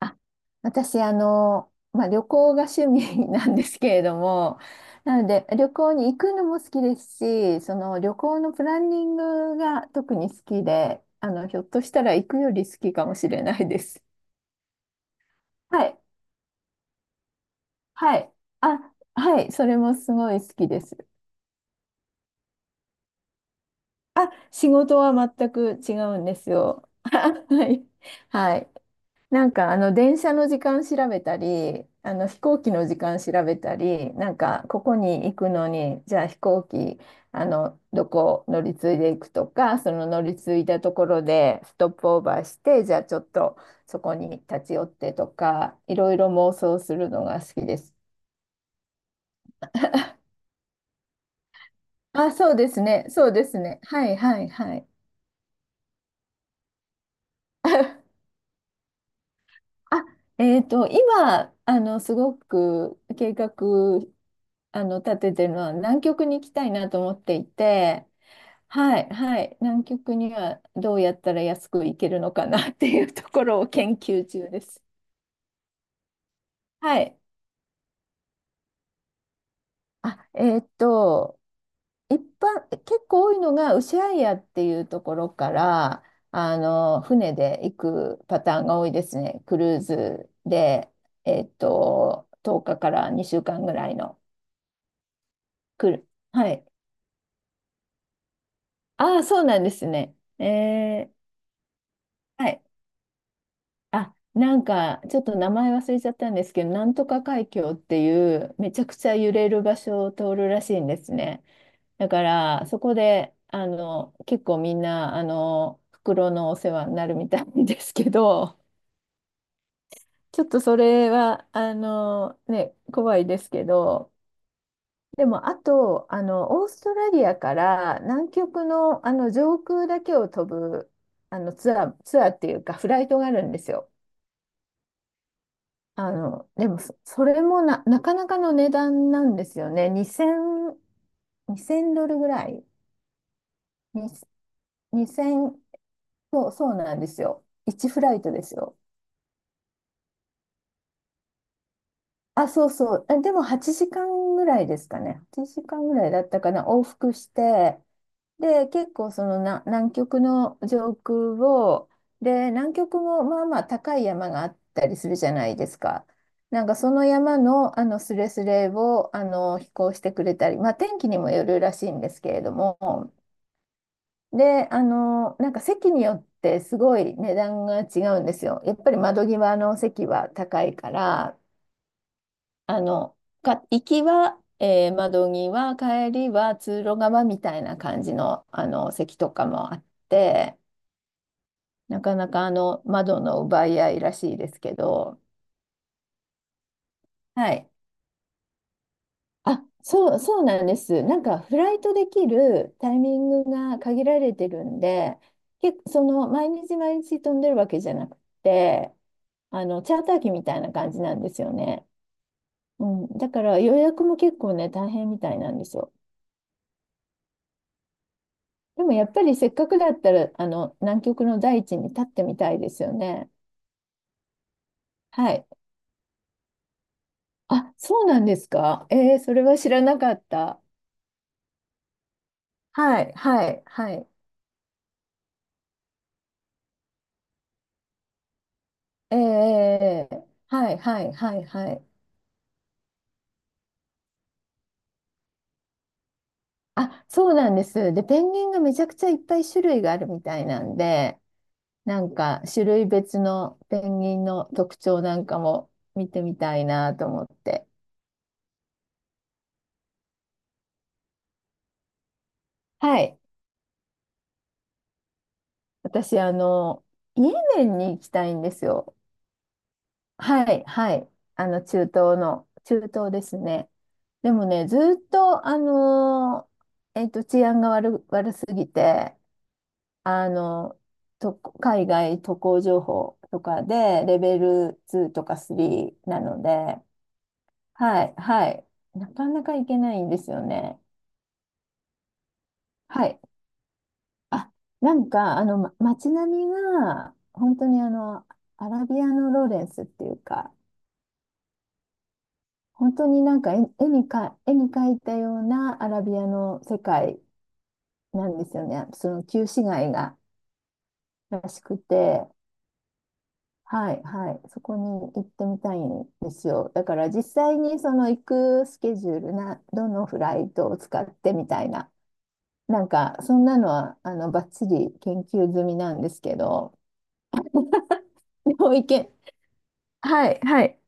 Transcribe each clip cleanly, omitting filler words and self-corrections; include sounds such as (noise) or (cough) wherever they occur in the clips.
あ、私、旅行が趣味 (laughs) なんですけれども、(laughs) なので、旅行に行くのも好きですし、その旅行のプランニングが特に好きで、ひょっとしたら行くより好きかもしれないです。(laughs) はい、はい。あ、はい、それもすごい好きです。あ、仕事は全く違うんですよ。(laughs) はい、はい。なんか電車の時間調べたり、飛行機の時間調べたり、なんかここに行くのに、じゃあ飛行機、どこ乗り継いでいくとか、その乗り継いだところでストップオーバーして、じゃあちょっとそこに立ち寄ってとか、いろいろ妄想するのが好きです。あ、そうですね、そうですね。はい、はい、はい。(laughs) あ、今、すごく計画、立ててるのは南極に行きたいなと思っていて、はい、はい、南極にはどうやったら安く行けるのかなっていうところを研究中です。はい。あ、一般、結構多いのが、ウシャイヤっていうところから、船で行くパターンが多いですね。クルーズで、10日かから2週間ぐらいの。くる。はい。ああ、そうなんですね。えー、はい。あ、なんか、ちょっと名前忘れちゃったんですけど、なんとか海峡っていう、めちゃくちゃ揺れる場所を通るらしいんですね。だから、そこで、結構みんな、袋のお世話になるみたいですけど、ちょっとそれは、ね、怖いですけど、でも、あと、オーストラリアから南極の、上空だけを飛ぶツアー、ツアーっていうか、フライトがあるんですよ。でもそれもなかなかの値段なんですよね。2000、にせんドルぐらい。に2 0、そう、そうなんですよ。1フライトですよ。あ、そうそう。あ、でも8時間ぐらいですかね。8時間ぐらいだったかな。往復して、で、結構そのな南極の上空を、で、南極もまあまあ高い山があったりするじゃないですか。なんかその山の、スレスレを飛行してくれたり、まあ、天気にもよるらしいんですけれども、で、なんか席によってすごい値段が違うんですよ。やっぱり窓際の席は高いから。あの、行きは、窓際、帰りは通路側みたいな感じの、席とかもあって、なかなか窓の奪い合いらしいですけど、はい。あ、そう、そうなんです。なんかフライトできるタイミングが限られてるんで、結構その毎日毎日飛んでるわけじゃなくて、チャーター機みたいな感じなんですよね。うん、だから予約も結構ね、大変みたいなんですよ。でもやっぱりせっかくだったら、南極の大地に立ってみたいですよね。はい。あ、そうなんですか。えー、それは知らなかった。はい、はい、はい。えーえー、えーはい、はい、はい、はい。あ、そうなんです。で、ペンギンがめちゃくちゃいっぱい種類があるみたいなんで、なんか種類別のペンギンの特徴なんかも見てみたいなと思って。はい。私、イエメンに行きたいんですよ。はい、はい。中東の、中東ですね。でもね、ずっと、治安が悪すぎて、あの、海外渡航情報とかで、レベル2とか3なので、はい、はい。なかなか行けないんですよね。はい。あ、なんか、街並みが、本当にアラビアのローレンスっていうか、本当になんか絵に描いたようなアラビアの世界なんですよね。その旧市街がらしくて、はい、はい、そこに行ってみたいんですよ。だから実際にその行くスケジュールな、どのフライトを使ってみたいな、なんかそんなのはバッチリ研究済みなんですけど、(laughs) でも行け、はい、はい、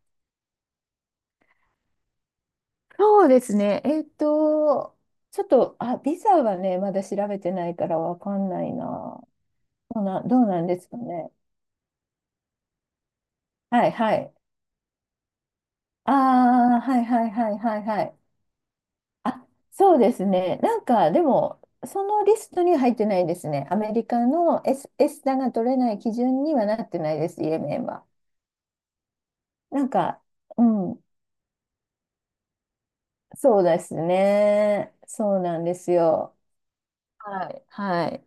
そうですね。ちょっと、あ、ビザはね、まだ調べてないからわかんないな。どうなんですかね。はい、はい。ああ、はい、はい、はい、はい、はい。あ、そうですね。なんか、でも、そのリストには入ってないですね。アメリカの S、S タが取れない基準にはなってないです、イエメンは。なんか、うん、そうですね。そうなんですよ。はい、はい。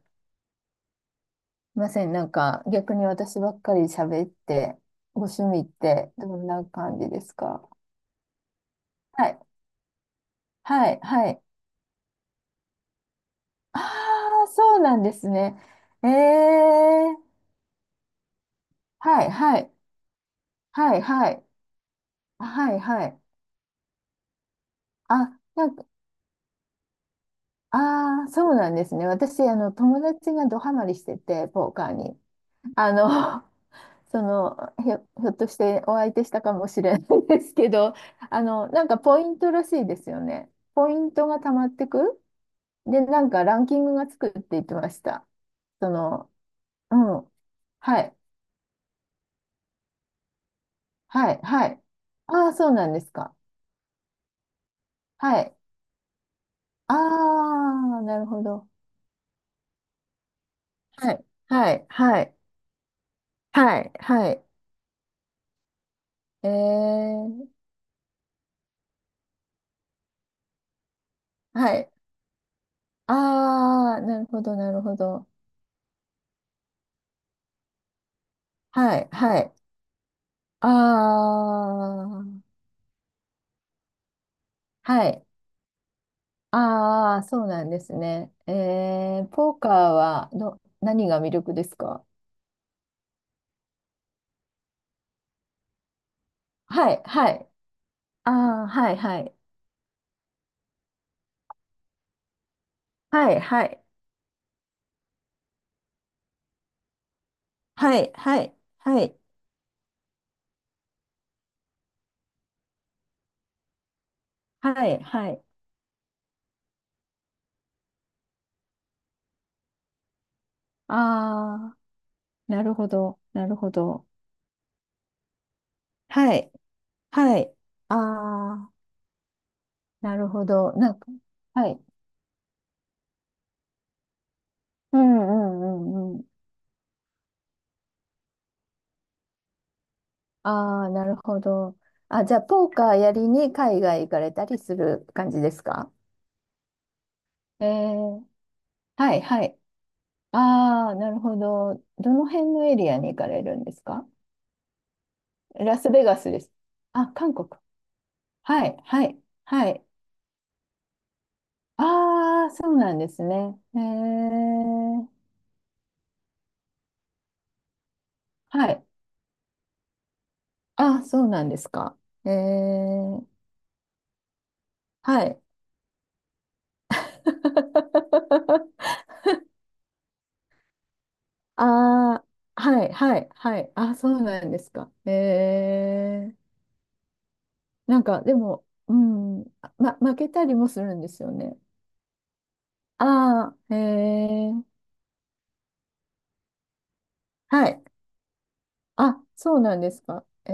いません。なんか逆に私ばっかり喋って、ご趣味ってどんな感じですか？はい。はい。はい。ああ、そうなんですね。ええはい。はい。はい。はい。はい。はい。あ、なんか、ああ、そうなんですね。私、友達がドハマりしてて、ポーカーに。あの、(laughs) その、ひょっとしてお相手したかもしれないですけど、なんかポイントらしいですよね。ポイントがたまってくで、なんかランキングがつくって言ってました。その、うん。はい。はい。はい。ああ、そうなんですか。はい。ああ、なるほど。はい。はい。はい。はい。はい。えー、はい。ああ、なるほど、なるほど。はい。はい。ああ、はい。ああ、そうなんですね。えー、ポーカーは、何が魅力ですか？はい。はい。ああ、はい。はい。はい、はい、はい、はい、はい、はい、はい。あー、なるほど、なるほど。はい、はい。あー、なるほど。なんか、はい。うんうんうんうん。あー、なるほど。あ、じゃあ、ポーカーやりに海外行かれたりする感じですか？えー、はい、はい。あー、なるほど。どの辺のエリアに行かれるんですか？ラスベガスです。あ、韓国。はい、はい、はい。ああ、そうなんですね。えー、はい。あ、そうなんですか。えー、はい。(laughs) ああ、はい、はい、はい。あ、そうなんですか。えー、なんか、でも、うん、負けたりもするんですよね。ああ、えー、はい。あ、そうなんですか。え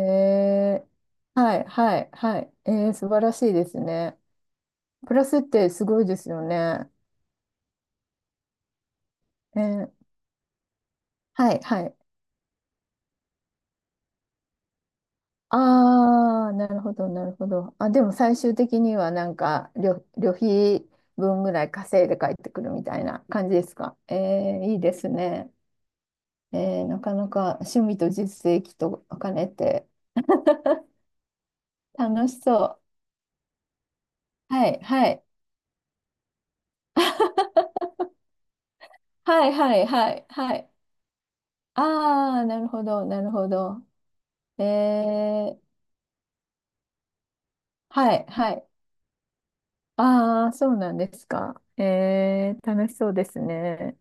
ー、はい、はい、はい。えー、素晴らしいですね。プラスってすごいですよね。えーはい、はい。ああ、なるほど、なるほど。あ、でも最終的にはなんか旅費分ぐらい稼いで帰ってくるみたいな感じですか。えー、いいですね。えー、なかなか趣味と実績と兼ねて楽しそう。はい、はい。はい、はい、はい、はい。ああ、なるほど、なるほど。えー、はい、はい。ああ、そうなんですか。えー、楽しそうですね。